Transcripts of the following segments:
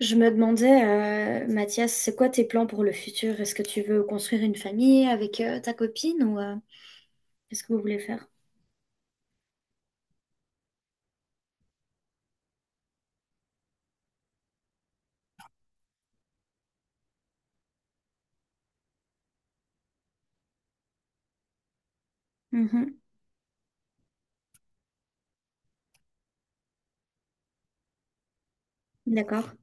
Je me demandais, Mathias, c'est quoi tes plans pour le futur? Est-ce que tu veux construire une famille avec ta copine ou qu'est-ce que vous voulez faire? Mhm. D'accord.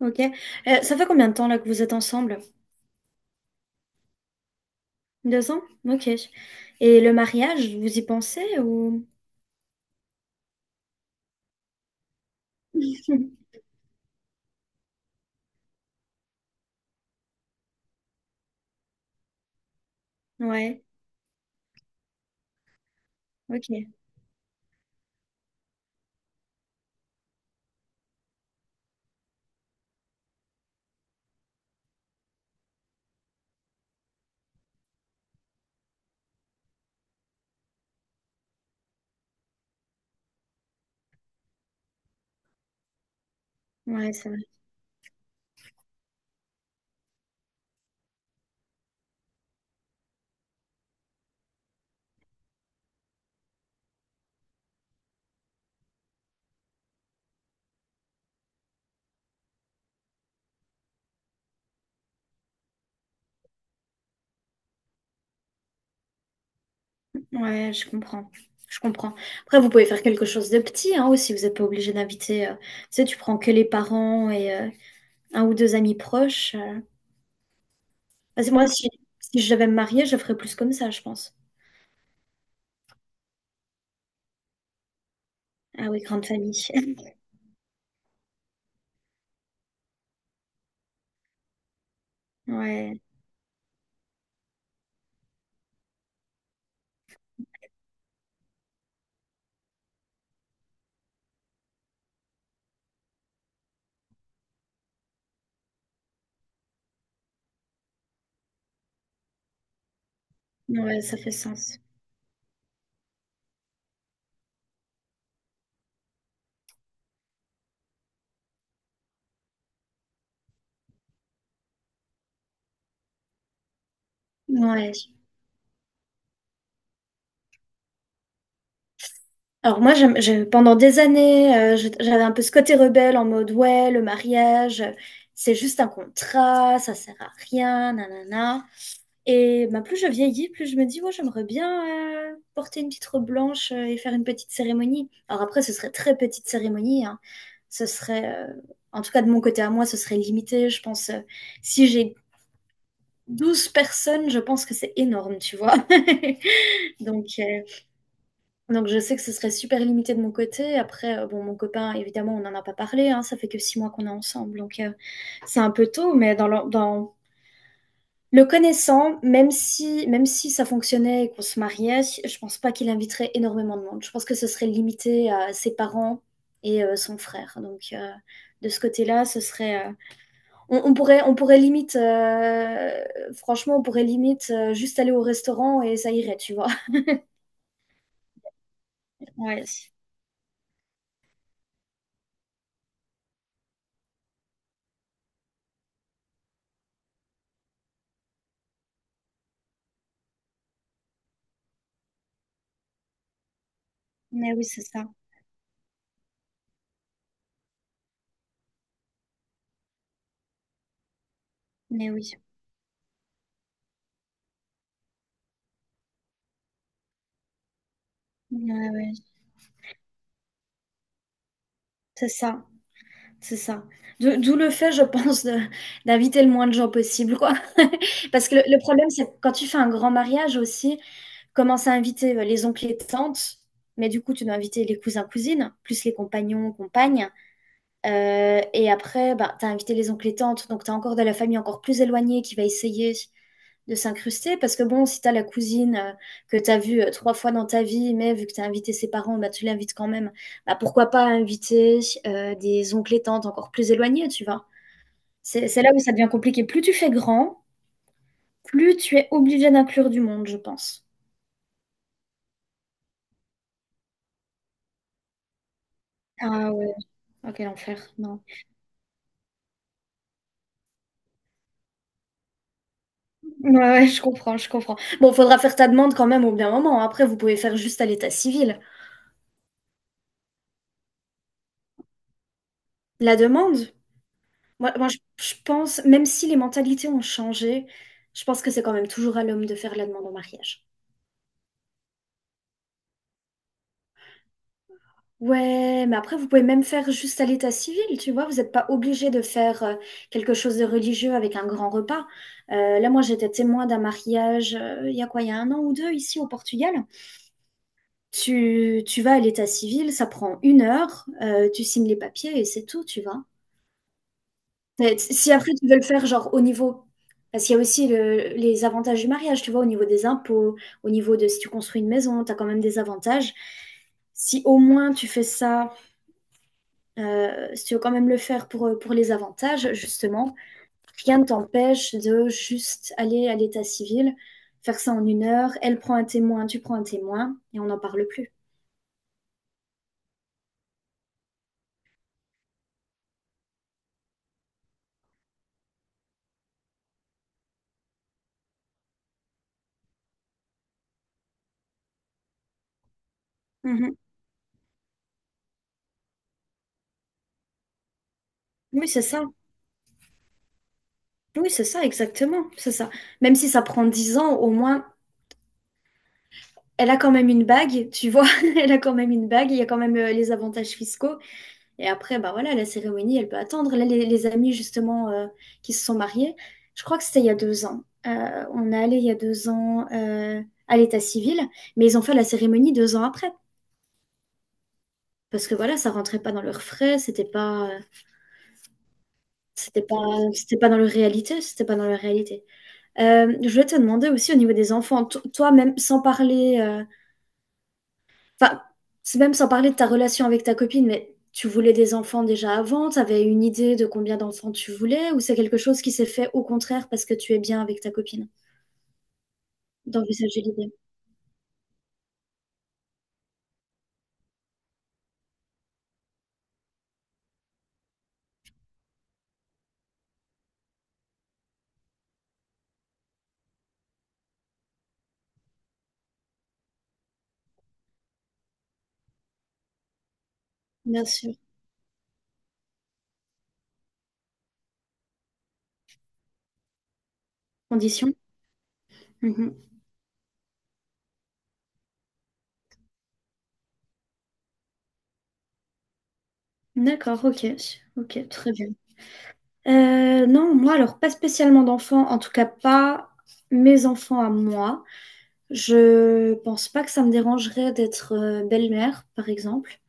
Ok. Ça fait combien de temps là que vous êtes ensemble? Deux ans? Ok. Et le mariage, vous y pensez ou? Ouais. Ok. Ouais, ça va. Ouais, je comprends. Je comprends. Après, vous pouvez faire quelque chose de petit, hein, aussi. Vous n'êtes pas obligé d'inviter. Tu sais, tu prends que les parents et un ou deux amis proches. Parce que moi, si je devais me marier, je ferais plus comme ça, je pense. Ah oui, grande famille. Ouais, ouais, ça fait sens. Ouais. Alors moi, pendant des années, j'avais un peu ce côté rebelle en mode, ouais, le mariage, c'est juste un contrat, ça sert à rien, nanana. Et bah, plus je vieillis, plus je me dis, ouais, j'aimerais bien porter une petite robe blanche et faire une petite cérémonie. Alors après, ce serait très petite cérémonie, hein. Ce serait, en tout cas de mon côté à moi, ce serait limité. Je pense, si j'ai 12 personnes, je pense que c'est énorme, tu vois. Donc, donc je sais que ce serait super limité de mon côté. Après, bon, mon copain, évidemment, on n'en a pas parlé, hein, ça fait que 6 mois qu'on est ensemble, donc c'est un peu tôt, mais dans le connaissant, même si ça fonctionnait et qu'on se mariait, je pense pas qu'il inviterait énormément de monde. Je pense que ce serait limité à ses parents et son frère. Donc, de ce côté-là, ce serait, on pourrait, on pourrait limite, franchement, on pourrait limite, juste aller au restaurant et ça irait, tu vois? Ouais, mais oui, c'est ça, mais oui, ouais, ouais, c'est ça, c'est ça. D'où le fait, je pense, de d'inviter le moins de gens possible, quoi. Parce que le problème, c'est que quand tu fais un grand mariage aussi, commence à inviter, les oncles et tantes, mais du coup, tu dois inviter les cousins-cousines, plus les compagnons, compagnes. Et après, bah, t'as invité les oncles et tantes, donc t'as encore de la famille encore plus éloignée qui va essayer de s'incruster. Parce que bon, si t'as la cousine que t'as vue trois fois dans ta vie, mais vu que t'as invité ses parents, bah, tu l'invites quand même. Bah, pourquoi pas inviter des oncles et tantes encore plus éloignés, tu vois? C'est là où ça devient compliqué. Plus tu fais grand, plus tu es obligé d'inclure du monde, je pense. Ah ouais, ok, quel enfer, non. Ouais, ouais, je comprends, je comprends. Bon, faudra faire ta demande quand même au bien moment. Après, vous pouvez faire juste à l'état civil. La demande? Moi, je pense, même si les mentalités ont changé, je pense que c'est quand même toujours à l'homme de faire la demande en mariage. Ouais, mais après, vous pouvez même faire juste à l'état civil, tu vois. Vous n'êtes pas obligé de faire quelque chose de religieux avec un grand repas. Là, moi, j'étais témoin d'un mariage, il y a quoi, il y a un an ou deux, ici au Portugal. Tu vas à l'état civil, ça prend une heure, tu signes les papiers et c'est tout, tu vois. Mais si après tu veux le faire genre au niveau parce qu'il y a aussi les avantages du mariage, tu vois, au niveau des impôts, au niveau de si tu construis une maison, tu as quand même des avantages. Si au moins tu fais ça, si tu veux quand même le faire pour, pour les avantages, justement, rien ne t'empêche de juste aller à l'état civil, faire ça en une heure, elle prend un témoin, tu prends un témoin, et on n'en parle plus. Mhm. Oui, c'est ça. Oui, c'est ça, exactement. C'est ça. Même si ça prend 10 ans, au moins, elle a quand même une bague, tu vois, elle a quand même une bague, il y a quand même les avantages fiscaux. Et après, bah voilà, la cérémonie, elle peut attendre. Là, les amis, justement, qui se sont mariés, je crois que c'était il y a 2 ans. On est allé il y a 2 ans à l'état civil, mais ils ont fait la cérémonie 2 ans après. Parce que voilà, ça rentrait pas dans leurs frais, c'était pas, c'était pas dans leur réalité, c'était pas dans leur réalité. Je voulais te demander aussi au niveau des enfants, toi, même sans parler, enfin c'est même sans parler de ta relation avec ta copine, mais tu voulais des enfants déjà avant, tu avais une idée de combien d'enfants tu voulais, ou c'est quelque chose qui s'est fait au contraire parce que tu es bien avec ta copine, d'envisager l'idée? Bien sûr. Condition? Mmh. D'accord, OK. OK, très bien. Non, moi, alors pas spécialement d'enfants, en tout cas pas mes enfants à moi. Je pense pas que ça me dérangerait d'être, belle-mère, par exemple.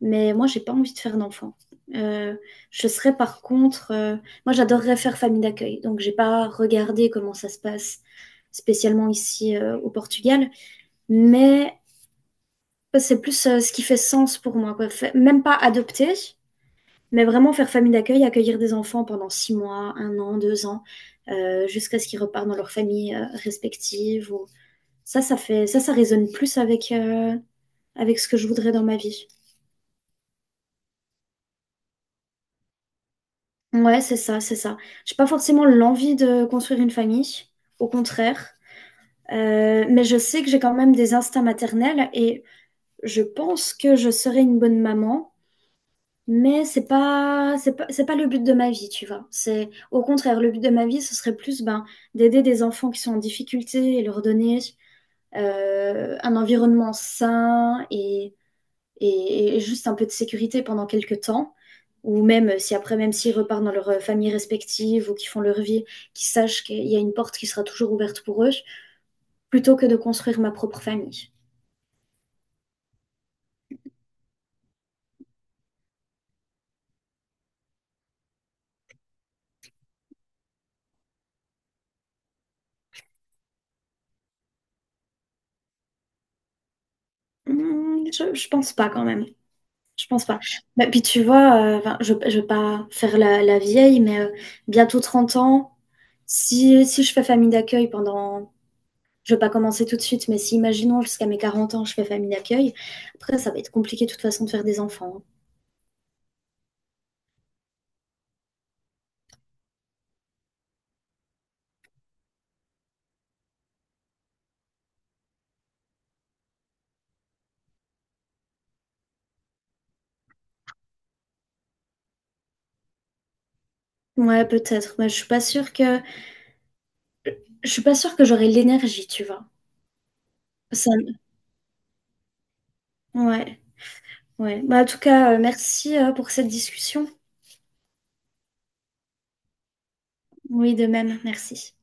Mais moi, j'ai pas envie de faire d'enfant. Euh, je serais par contre, moi, j'adorerais faire famille d'accueil. Donc, j'ai pas regardé comment ça se passe spécialement ici au Portugal. Mais c'est plus ce qui fait sens pour moi, quoi. Même pas adopter, mais vraiment faire famille d'accueil, accueillir des enfants pendant 6 mois, un an, 2 ans, jusqu'à ce qu'ils repartent dans leur famille respective. Ça résonne plus avec ce que je voudrais dans ma vie. Ouais, c'est ça, c'est ça. J'ai pas forcément l'envie de construire une famille, au contraire. Mais je sais que j'ai quand même des instincts maternels et je pense que je serai une bonne maman. Mais c'est pas le but de ma vie, tu vois. C'est au contraire, le but de ma vie, ce serait plus ben, d'aider des enfants qui sont en difficulté et leur donner un environnement sain et juste un peu de sécurité pendant quelques temps. Ou même si après, même s'ils repartent dans leurs familles respectives ou qu'ils font leur vie, qu'ils sachent qu'il y a une porte qui sera toujours ouverte pour eux, plutôt que de construire ma propre famille. Hmm, je pense pas quand même. Je pense pas. Bah, puis tu vois, enfin, je vais pas faire la vieille, mais bientôt 30 ans, si je fais famille d'accueil pendant. Je ne vais pas commencer tout de suite, mais si imaginons jusqu'à mes 40 ans, je fais famille d'accueil, après ça va être compliqué de toute façon de faire des enfants. Ouais, peut-être. Mais je suis pas sûre que je suis pas sûre que j'aurai l'énergie, tu vois. Ça me- Ouais, ouais. Bah, en tout cas, merci pour cette discussion. Oui, de même, merci.